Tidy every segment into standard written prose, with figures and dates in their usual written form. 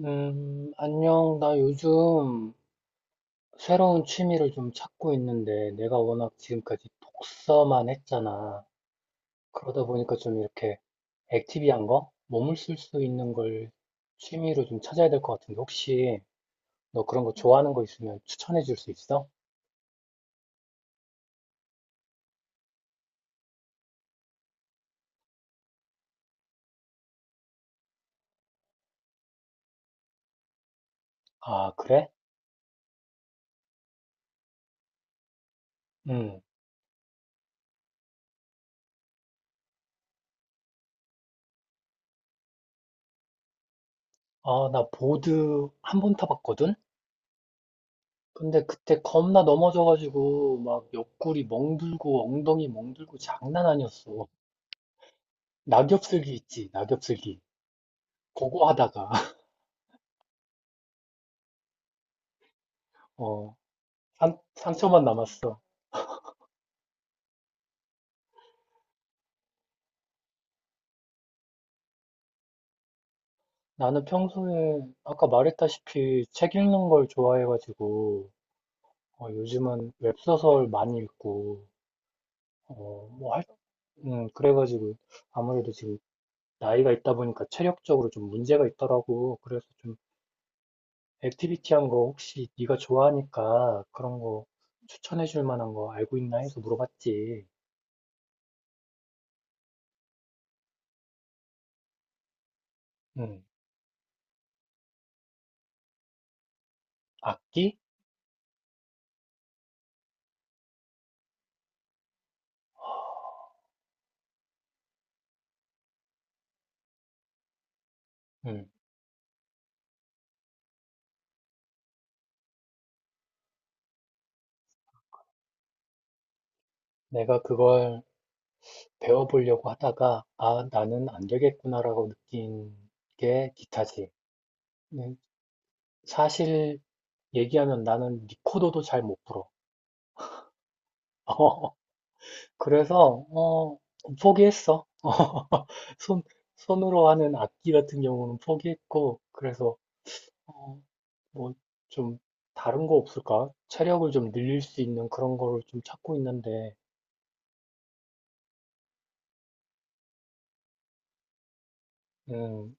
안녕. 나 요즘 새로운 취미를 좀 찾고 있는데, 내가 워낙 지금까지 독서만 했잖아. 그러다 보니까 좀 이렇게 액티비한 거? 몸을 쓸 수 있는 걸 취미로 좀 찾아야 될 것 같은데, 혹시 너 그런 거 좋아하는 거 있으면 추천해 줄 수 있어? 아, 그래? 응. 아, 나 보드 한 번 타봤거든? 근데 그때 겁나 넘어져가지고, 막 옆구리 멍들고, 엉덩이 멍들고 장난 아니었어. 낙엽슬기 있지, 낙엽슬기. 고고하다가 어, 상처만 남았어. 나는 평소에 아까 말했다시피 책 읽는 걸 좋아해가지고 요즘은 웹소설 많이 읽고 어, 뭐 할, 그래가지고 아무래도 지금 나이가 있다 보니까 체력적으로 좀 문제가 있더라고. 그래서 좀 액티비티한 거 혹시 네가 좋아하니까 그런 거 추천해 줄 만한 거 알고 있나 해서 물어봤지. 음, 악기? 음, 내가 그걸 배워보려고 하다가, 아, 나는 안 되겠구나라고 느낀 게 기타지. 네, 사실 얘기하면 나는 리코더도 잘 못 불어. 그래서, 포기했어. 손, 손으로 하는 악기 같은 경우는 포기했고, 그래서, 어, 뭐, 좀, 다른 거 없을까? 체력을 좀 늘릴 수 있는 그런 거를 좀 찾고 있는데, 음,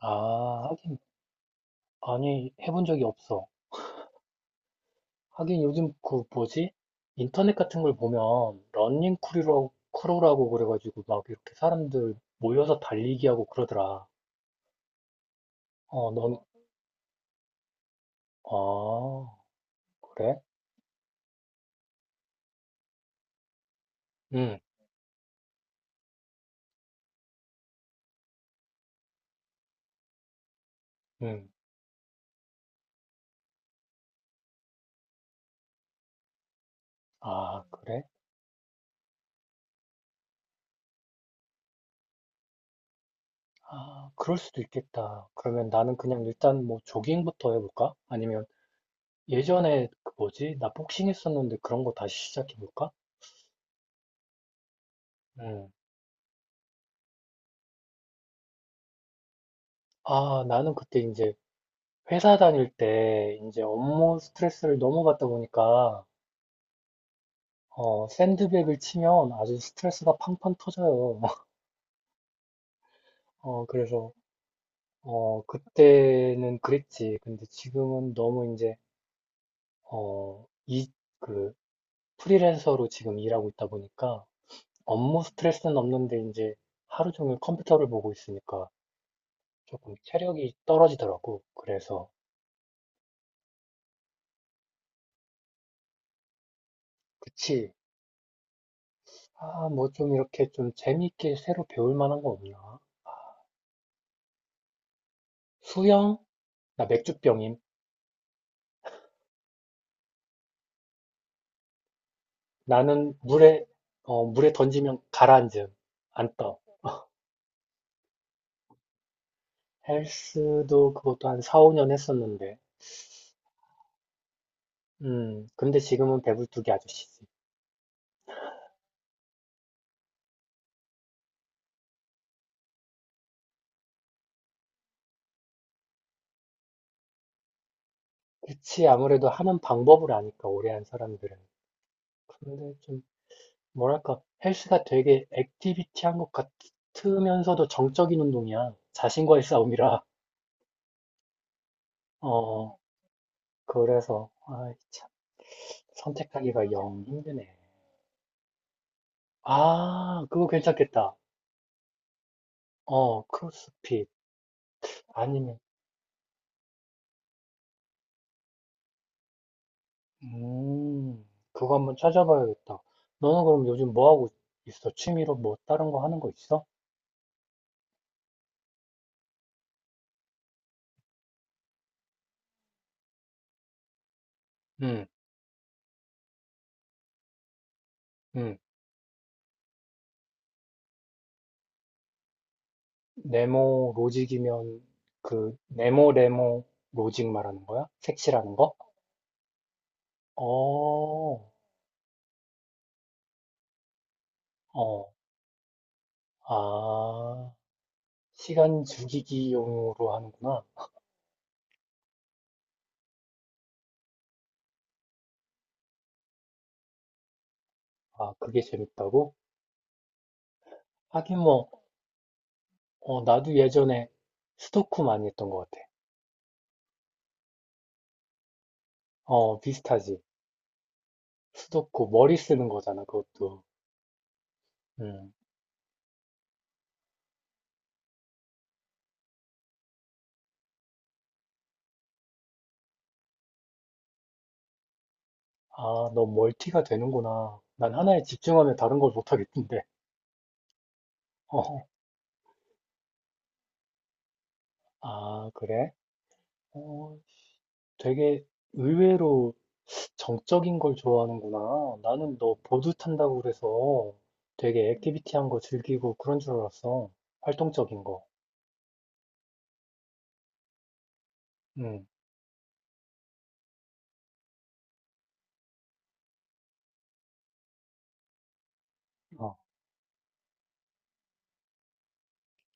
아, 하긴, 아니, 해본 적이 없어. 하긴 요즘 그 뭐지? 인터넷 같은 걸 보면 러닝 크루라고 그래가지고 막 이렇게 사람들 모여서 달리기 하고 그러더라. 어, 넌, 아, 그래? 응, 응. 아, 그래? 아, 그럴 수도 있겠다. 그러면 나는 그냥 일단 뭐 조깅부터 해볼까? 아니면 예전에 그 뭐지? 나 복싱 했었는데 그런 거 다시 시작해볼까? 응. 아, 나는 그때 이제 회사 다닐 때 이제 업무 스트레스를 너무 받다 보니까 샌드백을 치면 아주 스트레스가 팡팡 터져요. 어, 그래서, 어, 그때는 그랬지. 근데 지금은 너무 이제, 어, 이, 그, 프리랜서로 지금 일하고 있다 보니까 업무 스트레스는 없는데 이제 하루 종일 컴퓨터를 보고 있으니까 조금 체력이 떨어지더라고. 그래서, 그치. 아, 뭐 좀 이렇게 좀 재미있게 새로 배울 만한 거 없나? 수영? 나 맥주병임. 나는 물에 어, 물에 던지면 가라앉음. 안 떠. 헬스도 그것도 한 4, 5년 했었는데. 근데 지금은 배불뚝이 아저씨지. 그치, 아무래도 하는 방법을 아니까, 오래 한 사람들은. 근데 좀, 뭐랄까, 헬스가 되게 액티비티한 것 같으면서도 정적인 운동이야. 자신과의 싸움이라. 어, 그래서, 아이, 참, 선택하기가 영 힘드네. 아, 그거 괜찮겠다. 어, 크로스핏. 아니면, 음, 그거 한번 찾아봐야겠다. 너는 그럼 요즘 뭐 하고 있어? 취미로 뭐 다른 거 하는 거 있어? 응, 응. 네모 로직이면 그 네모 레모 로직 말하는 거야? 색칠하는 거? 어, 어, 아, 시간 죽이기용으로 하는구나. 아, 그게 재밌다고? 하긴 뭐, 나도 예전에 스도쿠 많이 했던 것 같아. 어, 비슷하지. 스도쿠 머리 쓰는 거잖아, 그것도. 음. 아, 너 멀티가 되는구나. 난 하나에 집중하면 다른 걸 못하겠던데. 어, 아, 그래? 어, 되게 의외로 정적인 걸 좋아하는구나. 나는 너 보드 탄다고 그래서 되게 액티비티한 거 즐기고 그런 줄 알았어. 활동적인 거. 응, 어.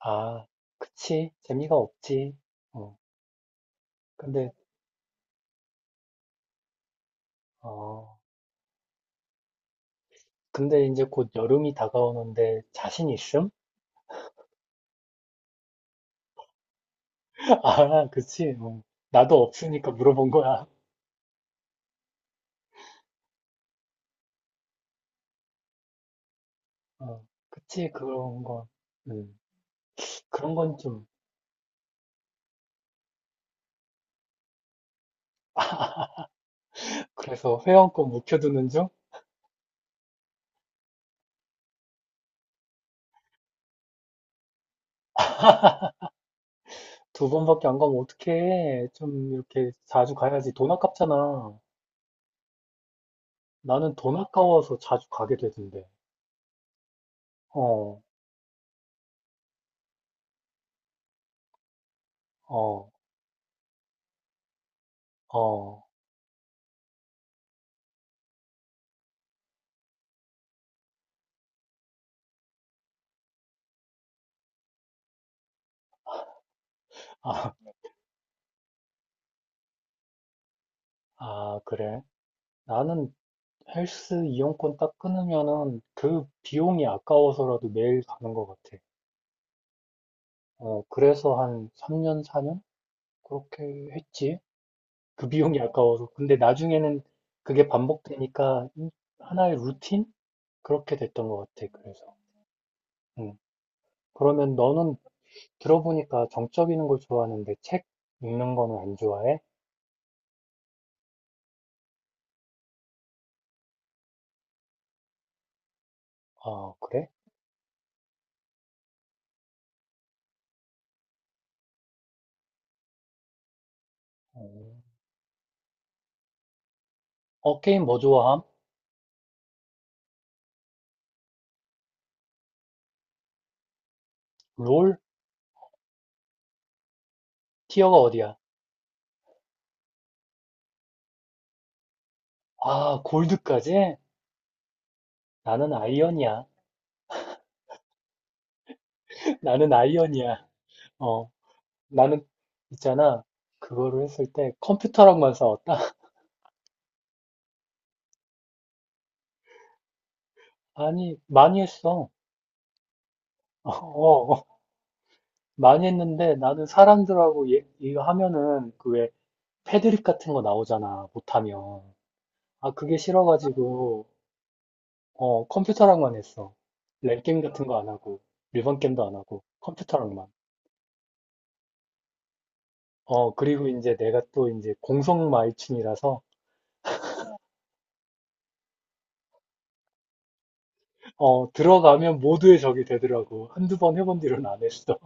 아, 그치. 재미가 없지. 어, 근데, 어, 근데 이제 곧 여름이 다가오는데 자신 있음? 아, 그치. 어, 나도 없으니까 물어본 거야. 어, 그치, 그런 건. 음, 그런 건 좀. 그래서 회원권 묵혀두는 중? 두 번밖에 안 가면 어떡해. 좀 이렇게 자주 가야지. 돈 아깝잖아. 나는 돈 아까워서 자주 가게 되던데. 어, 어, 어. 아, 아, 그래. 나는 헬스 이용권 딱 끊으면은 그 비용이 아까워서라도 매일 가는 것 같아. 어, 그래서 한 3년, 4년? 그렇게 했지. 그 비용이 아까워서. 근데 나중에는 그게 반복되니까 이- 하나의 루틴? 그렇게 됐던 것 같아, 그래서. 음. 그러면 너는 들어보니까 정적 이는걸 좋아하는데 책 읽는 거는 안 좋아해? 아, 그래? 음. 어, 어, 게임 뭐 좋아함? 롤? 티어가 어디야? 아, 골드까지? 나는 아이언이야. 나는 아이언이야. 어, 나는 있잖아. 그거를 했을 때 컴퓨터랑만 싸웠다? 아니, 많이 했어. 어, 많이 했는데 나는 사람들하고 얘, 이거 하면은 그 왜 패드립 같은 거 나오잖아 못하면 아 그게 싫어가지고 어 컴퓨터랑만 했어 랭게임 같은 거 안 하고 일반 게임도 안 하고 컴퓨터랑만 어 그리고 이제 내가 또 이제 공성 마이충이라서 어 들어가면 모두의 적이 되더라고 한두 번 해본 뒤로는 안 했어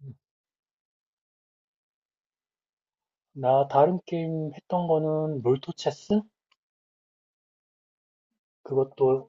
나 다른 게임 했던 거는 롤토체스 그것도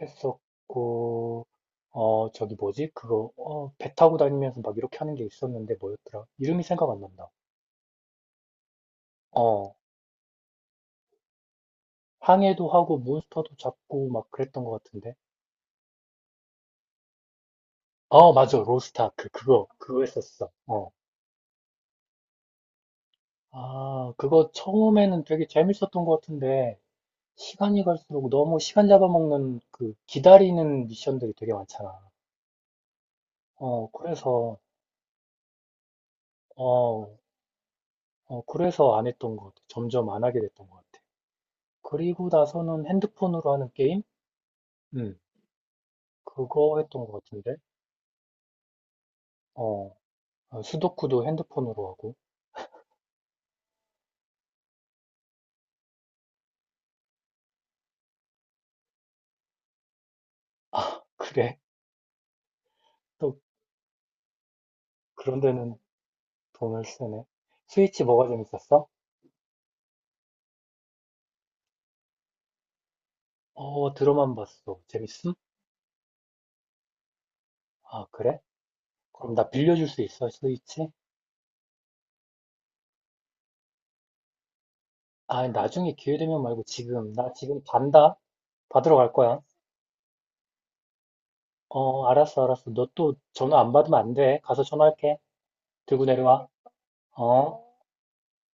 했었고, 어, 저기 뭐지? 어, 배 타고 다니면서 막 이렇게 하는 게 있었는데 뭐였더라? 이름이 생각 안 난다. 어, 항해도 하고 몬스터도 잡고 막 그랬던 것 같은데. 어, 맞아. 로스트아크. 그거 했었어. 어. 아, 그거 처음에는 되게 재밌었던 것 같은데, 시간이 갈수록 너무 시간 잡아먹는 그 기다리는 미션들이 되게 많잖아. 어, 그래서, 어, 어, 그래서 안 했던 것 같아. 점점 안 하게 됐던 것 같아. 그리고 나서는 핸드폰으로 하는 게임? 음. 그거 했던 것 같은데. 어, 어, 수도쿠도 핸드폰으로 하고. 아, 그래? 또 그런 데는 돈을 쓰네. 스위치 뭐가 재밌었어? 어, 들어만 봤어. 재밌음? 아, 그래? 그럼 나 빌려줄 수 있어, 스위치? 아, 나중에 기회 되면 말고 지금. 나 지금 간다. 받으러 갈 거야. 어, 알았어, 알았어. 너 또 전화 안 받으면 안 돼. 가서 전화할게. 들고 내려와. 어?